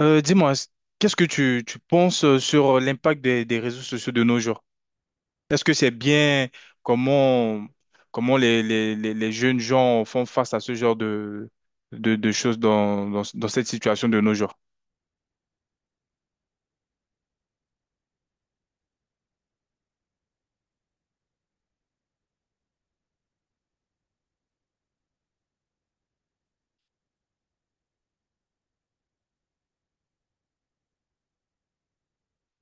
Dis-moi, qu'est-ce que tu penses sur l'impact des réseaux sociaux de nos jours? Est-ce que c'est bien comment, comment les jeunes gens font face à ce genre de choses dans cette situation de nos jours?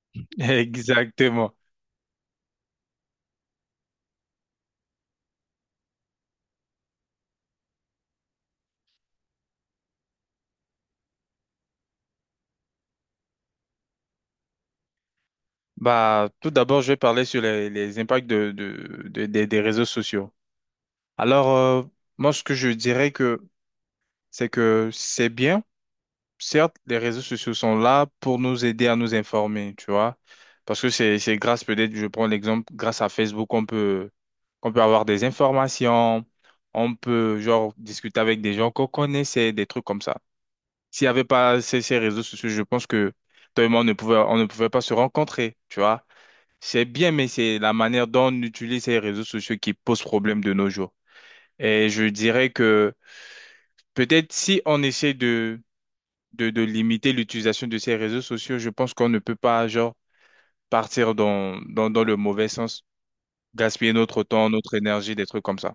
Exactement. Bah, tout d'abord, je vais parler sur les impacts des réseaux sociaux. Alors, moi, ce que je dirais que c'est bien certes, les réseaux sociaux sont là pour nous aider à nous informer, tu vois. Parce que c'est grâce, peut-être, je prends l'exemple, grâce à Facebook, on peut avoir des informations, on peut, genre, discuter avec des gens qu'on connaissait, des trucs comme ça. S'il n'y avait pas ces réseaux sociaux, je pense que toi et moi, on ne pouvait pas se rencontrer, tu vois. C'est bien, mais c'est la manière dont on utilise ces réseaux sociaux qui pose problème de nos jours. Et je dirais que peut-être si on essaie de limiter l'utilisation de ces réseaux sociaux. Je pense qu'on ne peut pas, genre, partir dans le mauvais sens, gaspiller notre temps, notre énergie, des trucs comme ça.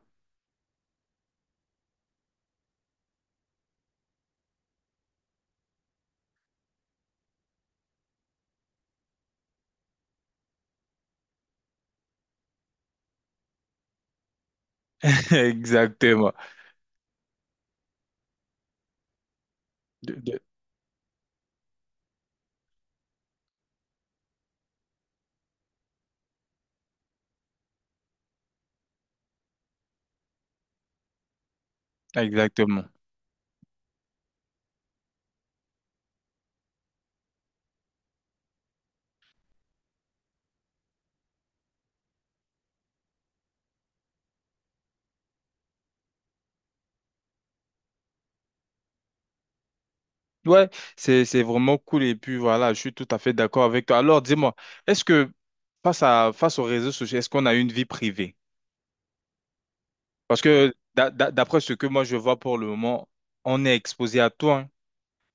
Exactement. De- de- Exactement. Ouais, c'est vraiment cool et puis voilà, je suis tout à fait d'accord avec toi. Alors dis-moi, est-ce que face aux réseaux sociaux, est-ce qu'on a une vie privée? Parce que d'après ce que moi je vois pour le moment, on est exposé à tout, hein.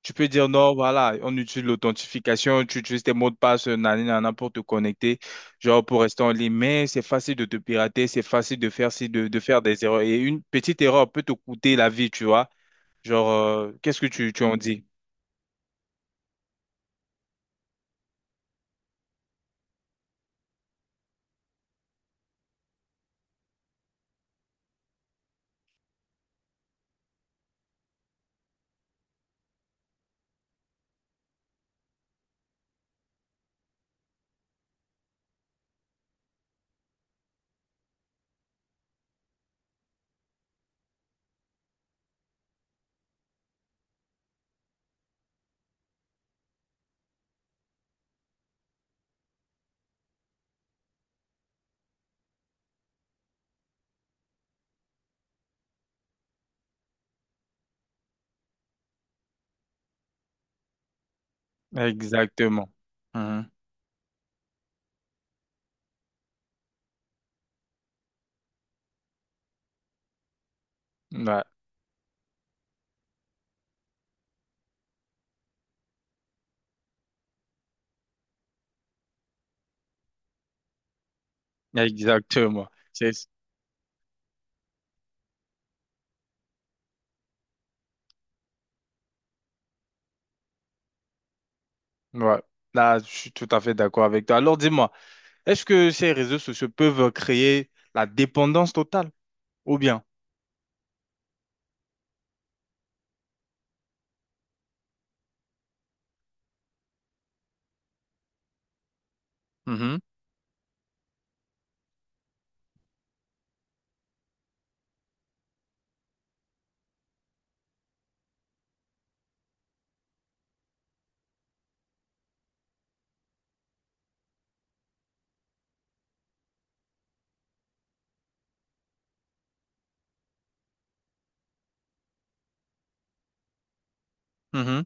Tu peux dire non, voilà, on utilise l'authentification, tu utilises tes mots de passe, nani, nana, pour te connecter, genre pour rester en ligne. Mais c'est facile de te pirater, c'est facile de faire, ci, de faire des erreurs. Et une petite erreur peut te coûter la vie, tu vois. Genre, qu'est-ce que tu en dis? Exactement. Mhm. Ouais, exactement. C'est, ouais. Là, je suis tout à fait d'accord avec toi. Alors, dis-moi, est-ce que ces réseaux sociaux peuvent créer la dépendance totale ou bien? Mhm. Mhm.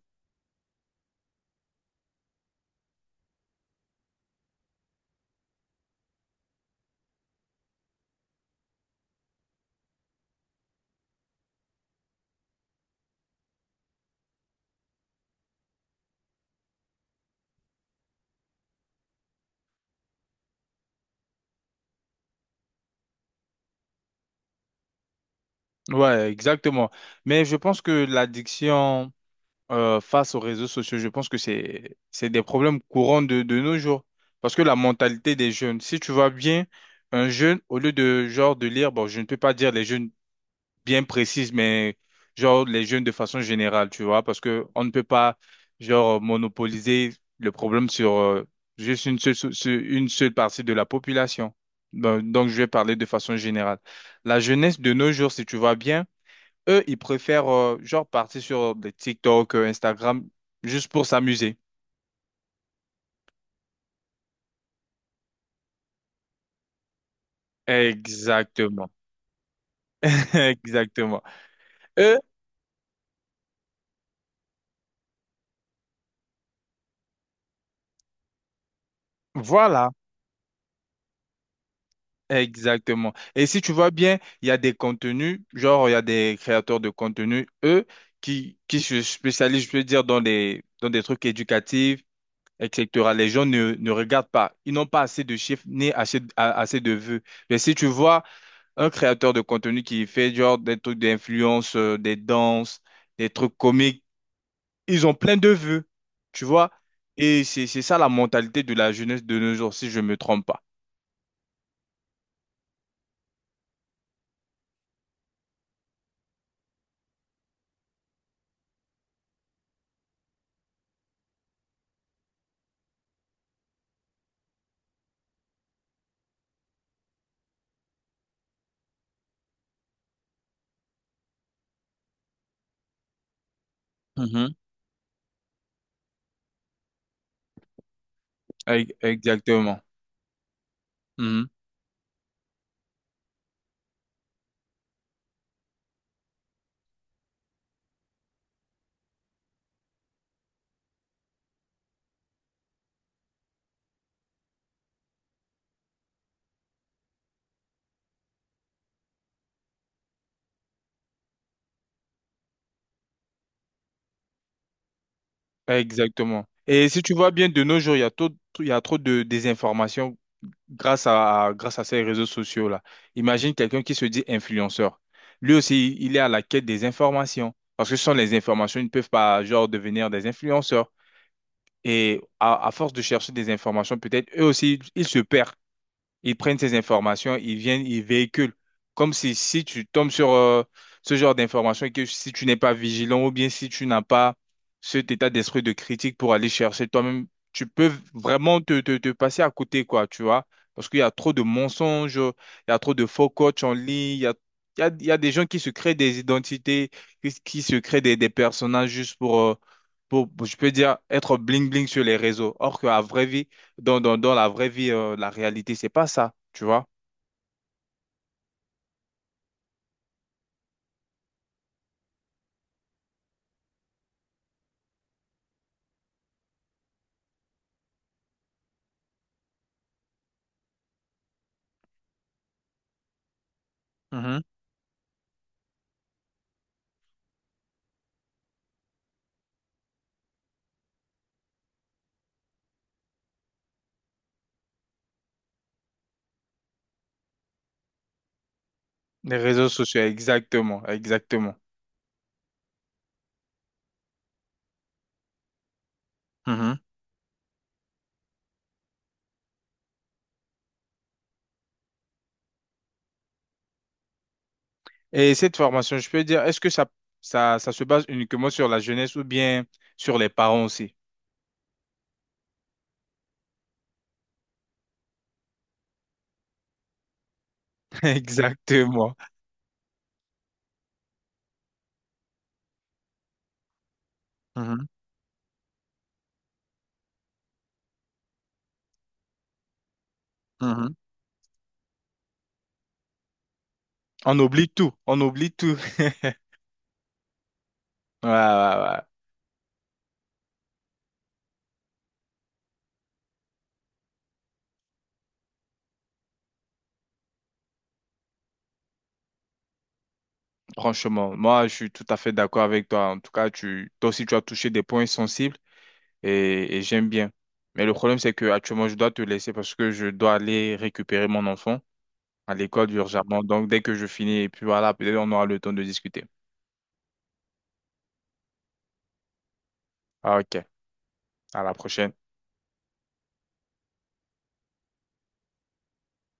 Ouais, exactement. Mais je pense que l'addiction face aux réseaux sociaux, je pense que c'est des problèmes courants de nos jours. Parce que la mentalité des jeunes, si tu vois bien, un jeune, au lieu de genre de lire, bon, je ne peux pas dire les jeunes bien précises, mais genre les jeunes de façon générale, tu vois, parce que on ne peut pas genre monopoliser le problème sur juste une seule, sur une seule partie de la population. Je vais parler de façon générale. La jeunesse de nos jours, si tu vois bien. Eux, ils préfèrent genre partir sur des TikTok, Instagram, juste pour s'amuser. Exactement. Exactement. Eux, voilà. Exactement. Et si tu vois bien, il y a des contenus, genre il y a des créateurs de contenu, eux, qui se spécialisent, je peux dire, dans des trucs éducatifs, etc. Les gens ne regardent pas. Ils n'ont pas assez de chiffres ni assez, assez de vues. Mais si tu vois, un créateur de contenu qui fait genre des trucs d'influence, des danses, des trucs comiques. Ils ont plein de vues, tu vois. Et c'est ça la mentalité de la jeunesse de nos jours, si je ne me trompe pas. Mhm. Exactement. Mhm. Exactement. Et si tu vois bien, de nos jours, il y a trop de désinformation grâce grâce à ces réseaux sociaux-là. Imagine quelqu'un qui se dit influenceur. Lui aussi, il est à la quête des informations. Parce que sans les informations, ils ne peuvent pas, genre, devenir des influenceurs. Et à force de chercher des informations, peut-être eux aussi, ils se perdent. Ils prennent ces informations, ils viennent, ils véhiculent. Comme si, si tu tombes sur ce genre d'informations et que si tu n'es pas vigilant ou bien si tu n'as pas cet état d'esprit de critique pour aller chercher toi-même, tu peux vraiment te passer à côté, quoi, tu vois. Parce qu'il y a trop de mensonges, il y a trop de faux coachs en ligne, il y a, il y a des gens qui se créent des identités, qui se créent des personnages juste pour, je peux dire, être bling-bling sur les réseaux. Or qu'à vraie vie, dans la vraie vie, la réalité, c'est pas ça, tu vois. Mhm. Les réseaux sociaux, exactement, exactement. Mhm. Et cette formation, je peux dire, est-ce que ça se base uniquement sur la jeunesse ou bien sur les parents aussi? Exactement. Mhm. Mhm. On oublie tout, on oublie tout. Ouais, ouais, ouais. Franchement, moi, je suis tout à fait d'accord avec toi. En tout cas, toi aussi, tu as touché des points sensibles et j'aime bien. Mais le problème, c'est que actuellement, je dois te laisser parce que je dois aller récupérer mon enfant à l'école urgemment. Donc, dès que je finis, et puis voilà, peut-être on aura le temps de discuter. Ah, ok, à la prochaine.